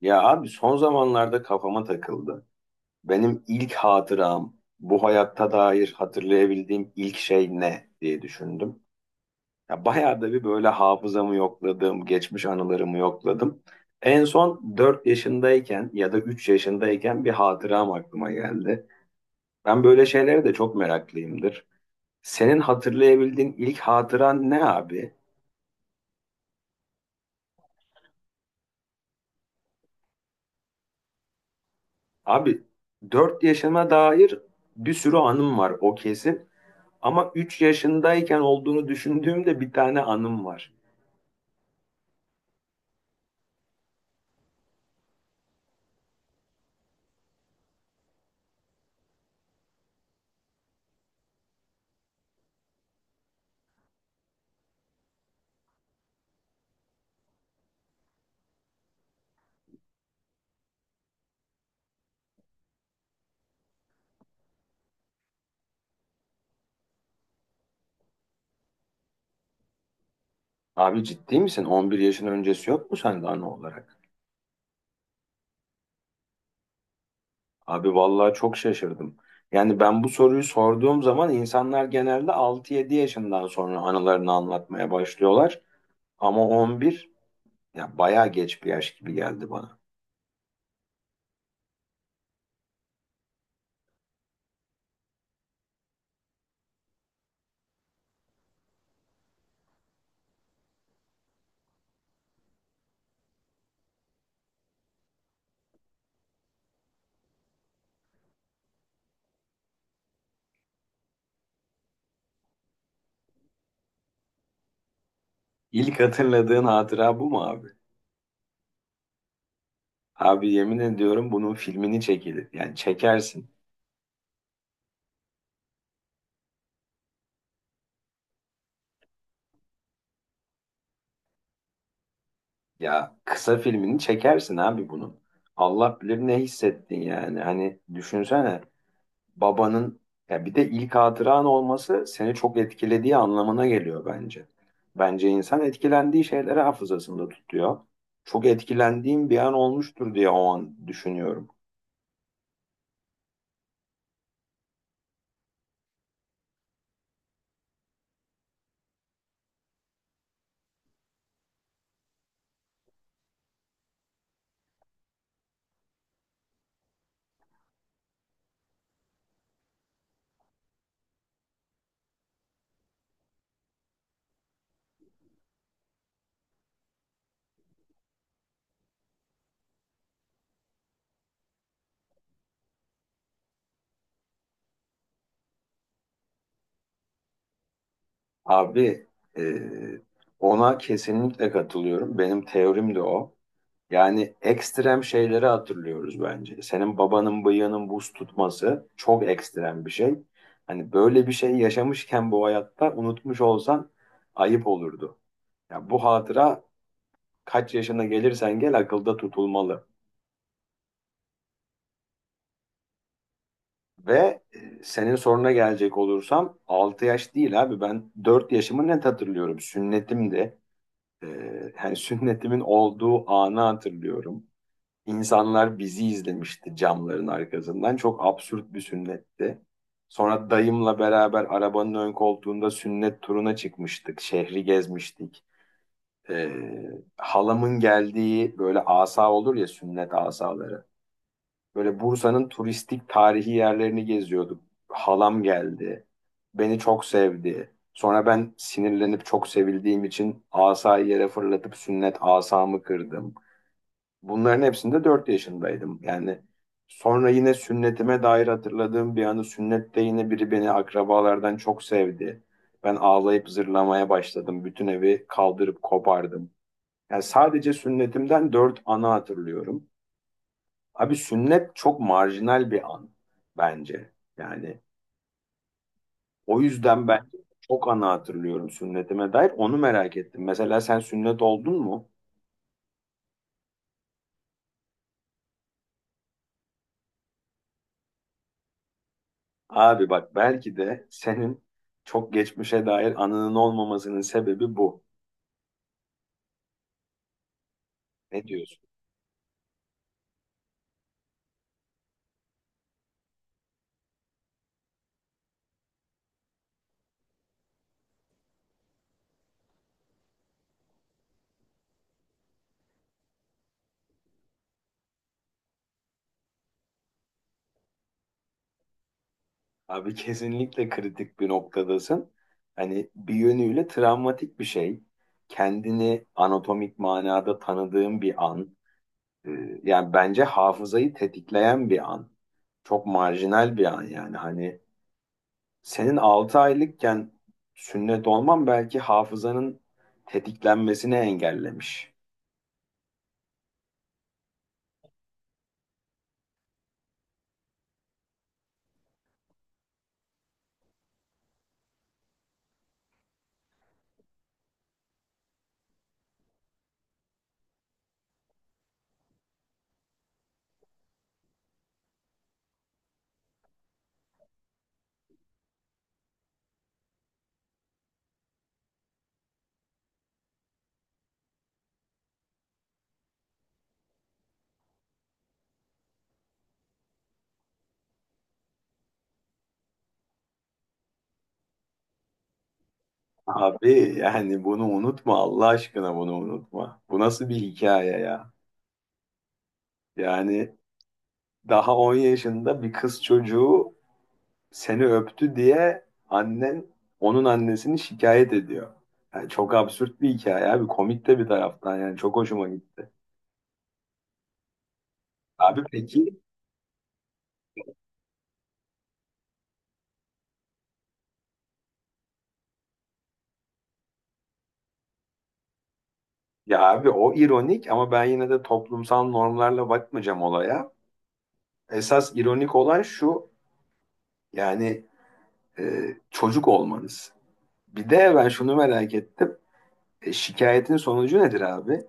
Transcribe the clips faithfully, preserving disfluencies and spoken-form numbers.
Ya abi son zamanlarda kafama takıldı. Benim ilk hatıram, bu hayatta dair hatırlayabildiğim ilk şey ne diye düşündüm. Ya bayağı da bir böyle hafızamı yokladım, geçmiş anılarımı yokladım. En son dört yaşındayken ya da üç yaşındayken bir hatıram aklıma geldi. Ben böyle şeylere de çok meraklıyımdır. Senin hatırlayabildiğin ilk hatıran ne abi? Abi dört yaşıma dair bir sürü anım var, o kesin. Ama üç yaşındayken olduğunu düşündüğümde bir tane anım var. Abi ciddi misin? On bir yaşın öncesi yok mu sende anı olarak? Abi vallahi çok şaşırdım. Yani ben bu soruyu sorduğum zaman insanlar genelde altı yedi yaşından sonra anılarını anlatmaya başlıyorlar. Ama on bir, ya bayağı geç bir yaş gibi geldi bana. İlk hatırladığın hatıra bu mu abi? Abi yemin ediyorum bunun filmini çekilir. Yani çekersin. Ya kısa filmini çekersin abi bunun. Allah bilir ne hissettin yani. Hani düşünsene, babanın, ya bir de ilk hatıran olması seni çok etkilediği anlamına geliyor bence. Bence insan etkilendiği şeyleri hafızasında tutuyor. Çok etkilendiğim bir an olmuştur diye o an düşünüyorum. Abi e, ona kesinlikle katılıyorum. Benim teorim de o. Yani ekstrem şeyleri hatırlıyoruz bence. Senin babanın bıyığının buz tutması çok ekstrem bir şey. Hani böyle bir şey yaşamışken bu hayatta unutmuş olsan ayıp olurdu. Ya bu hatıra kaç yaşına gelirsen gel akılda tutulmalı. Ve e, senin soruna gelecek olursam altı yaş değil abi, ben dört yaşımı net hatırlıyorum. Sünnetimdi. Ee, yani sünnetimin olduğu anı hatırlıyorum. İnsanlar bizi izlemişti camların arkasından. Çok absürt bir sünnetti. Sonra dayımla beraber arabanın ön koltuğunda sünnet turuna çıkmıştık. Şehri gezmiştik. Ee, halamın geldiği böyle asa olur ya, sünnet asaları. Böyle Bursa'nın turistik tarihi yerlerini geziyorduk. Halam geldi. Beni çok sevdi. Sonra ben sinirlenip çok sevildiğim için asayı yere fırlatıp sünnet asamı kırdım. Bunların hepsinde dört yaşındaydım. Yani sonra yine sünnetime dair hatırladığım bir anı, sünnette yine biri beni akrabalardan çok sevdi. Ben ağlayıp zırlamaya başladım. Bütün evi kaldırıp kopardım. Yani sadece sünnetimden dört anı hatırlıyorum. Abi sünnet çok marjinal bir an bence. Yani o yüzden ben çok anı hatırlıyorum sünnetime dair. Onu merak ettim. Mesela sen sünnet oldun mu? Abi bak, belki de senin çok geçmişe dair anının olmamasının sebebi bu. Ne diyorsun? Abi kesinlikle kritik bir noktadasın. Hani bir yönüyle travmatik bir şey. Kendini anatomik manada tanıdığın bir an. Ee, Yani bence hafızayı tetikleyen bir an. Çok marjinal bir an yani. Hani senin altı aylıkken sünnet olman belki hafızanın tetiklenmesini engellemiş. Abi yani bunu unutma, Allah aşkına bunu unutma. Bu nasıl bir hikaye ya? Yani daha on yaşında bir kız çocuğu seni öptü diye annen onun annesini şikayet ediyor. Yani çok absürt bir hikaye abi, komik de bir taraftan, yani çok hoşuma gitti. Abi peki, ya abi, o ironik ama ben yine de toplumsal normlarla bakmayacağım olaya. Esas ironik olan şu, yani e, çocuk olmanız. Bir de ben şunu merak ettim. E, Şikayetin sonucu nedir abi?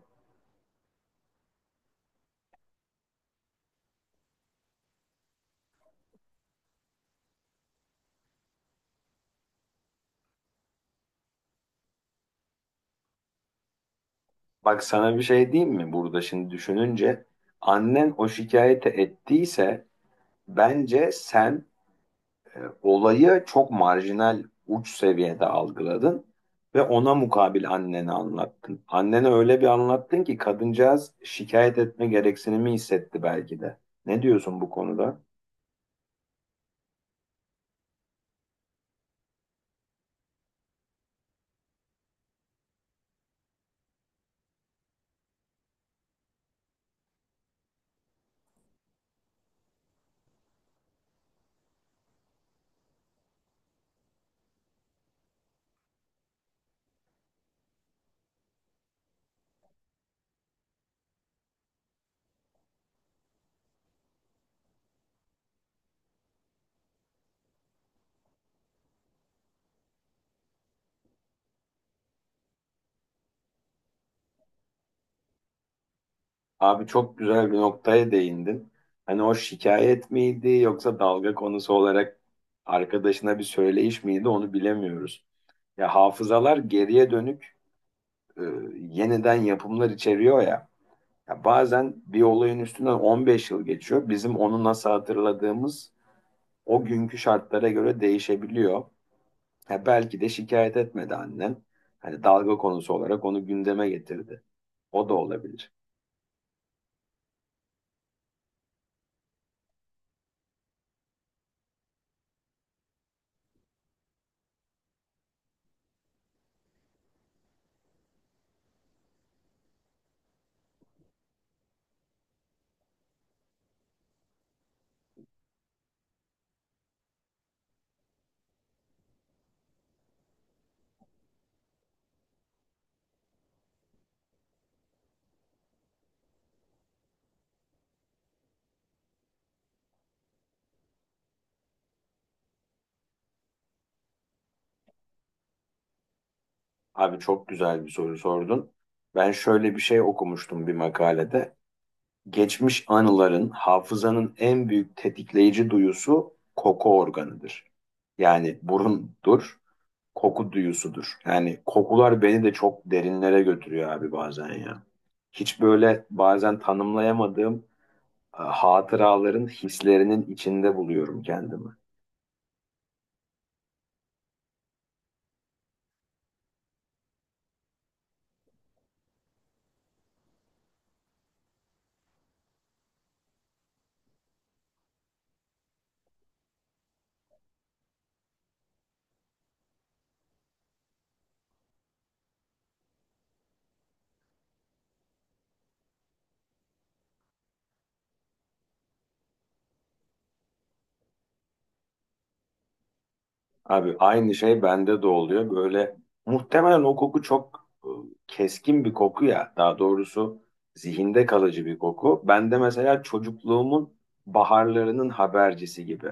Bak sana bir şey diyeyim mi burada şimdi düşününce? Annen o şikayeti ettiyse bence sen e, olayı çok marjinal uç seviyede algıladın ve ona mukabil anneni anlattın. Annene öyle bir anlattın ki kadıncağız şikayet etme gereksinimi hissetti belki de. Ne diyorsun bu konuda? Abi çok güzel bir noktaya değindin. Hani o şikayet miydi yoksa dalga konusu olarak arkadaşına bir söyleyiş miydi, onu bilemiyoruz. Ya hafızalar geriye dönük e, yeniden yapımlar içeriyor ya. Ya bazen bir olayın üstünden on beş yıl geçiyor. Bizim onu nasıl hatırladığımız o günkü şartlara göre değişebiliyor. Ya belki de şikayet etmedi annen. Hani dalga konusu olarak onu gündeme getirdi. O da olabilir. Abi çok güzel bir soru sordun. Ben şöyle bir şey okumuştum bir makalede. Geçmiş anıların, hafızanın en büyük tetikleyici duyusu koku organıdır. Yani burundur, koku duyusudur. Yani kokular beni de çok derinlere götürüyor abi bazen ya. Hiç böyle bazen tanımlayamadığım e, hatıraların, hislerinin içinde buluyorum kendimi. Abi aynı şey bende de oluyor. Böyle muhtemelen o koku çok e, keskin bir koku ya. Daha doğrusu zihinde kalıcı bir koku. Bende mesela çocukluğumun baharlarının habercisi gibi.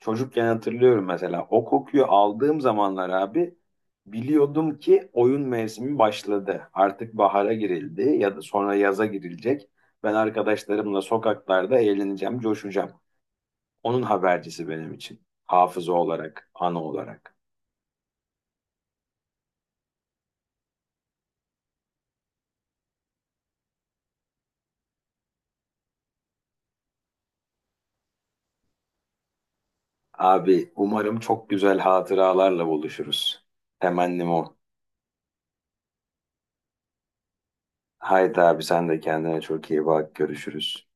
Çocukken hatırlıyorum, mesela o kokuyu aldığım zamanlar abi, biliyordum ki oyun mevsimi başladı. Artık bahara girildi ya da sonra yaza girilecek. Ben arkadaşlarımla sokaklarda eğleneceğim, coşacağım. Onun habercisi benim için. Hafıza olarak, anı olarak. Abi umarım çok güzel hatıralarla buluşuruz. Temennim o. Haydi abi sen de kendine çok iyi bak. Görüşürüz.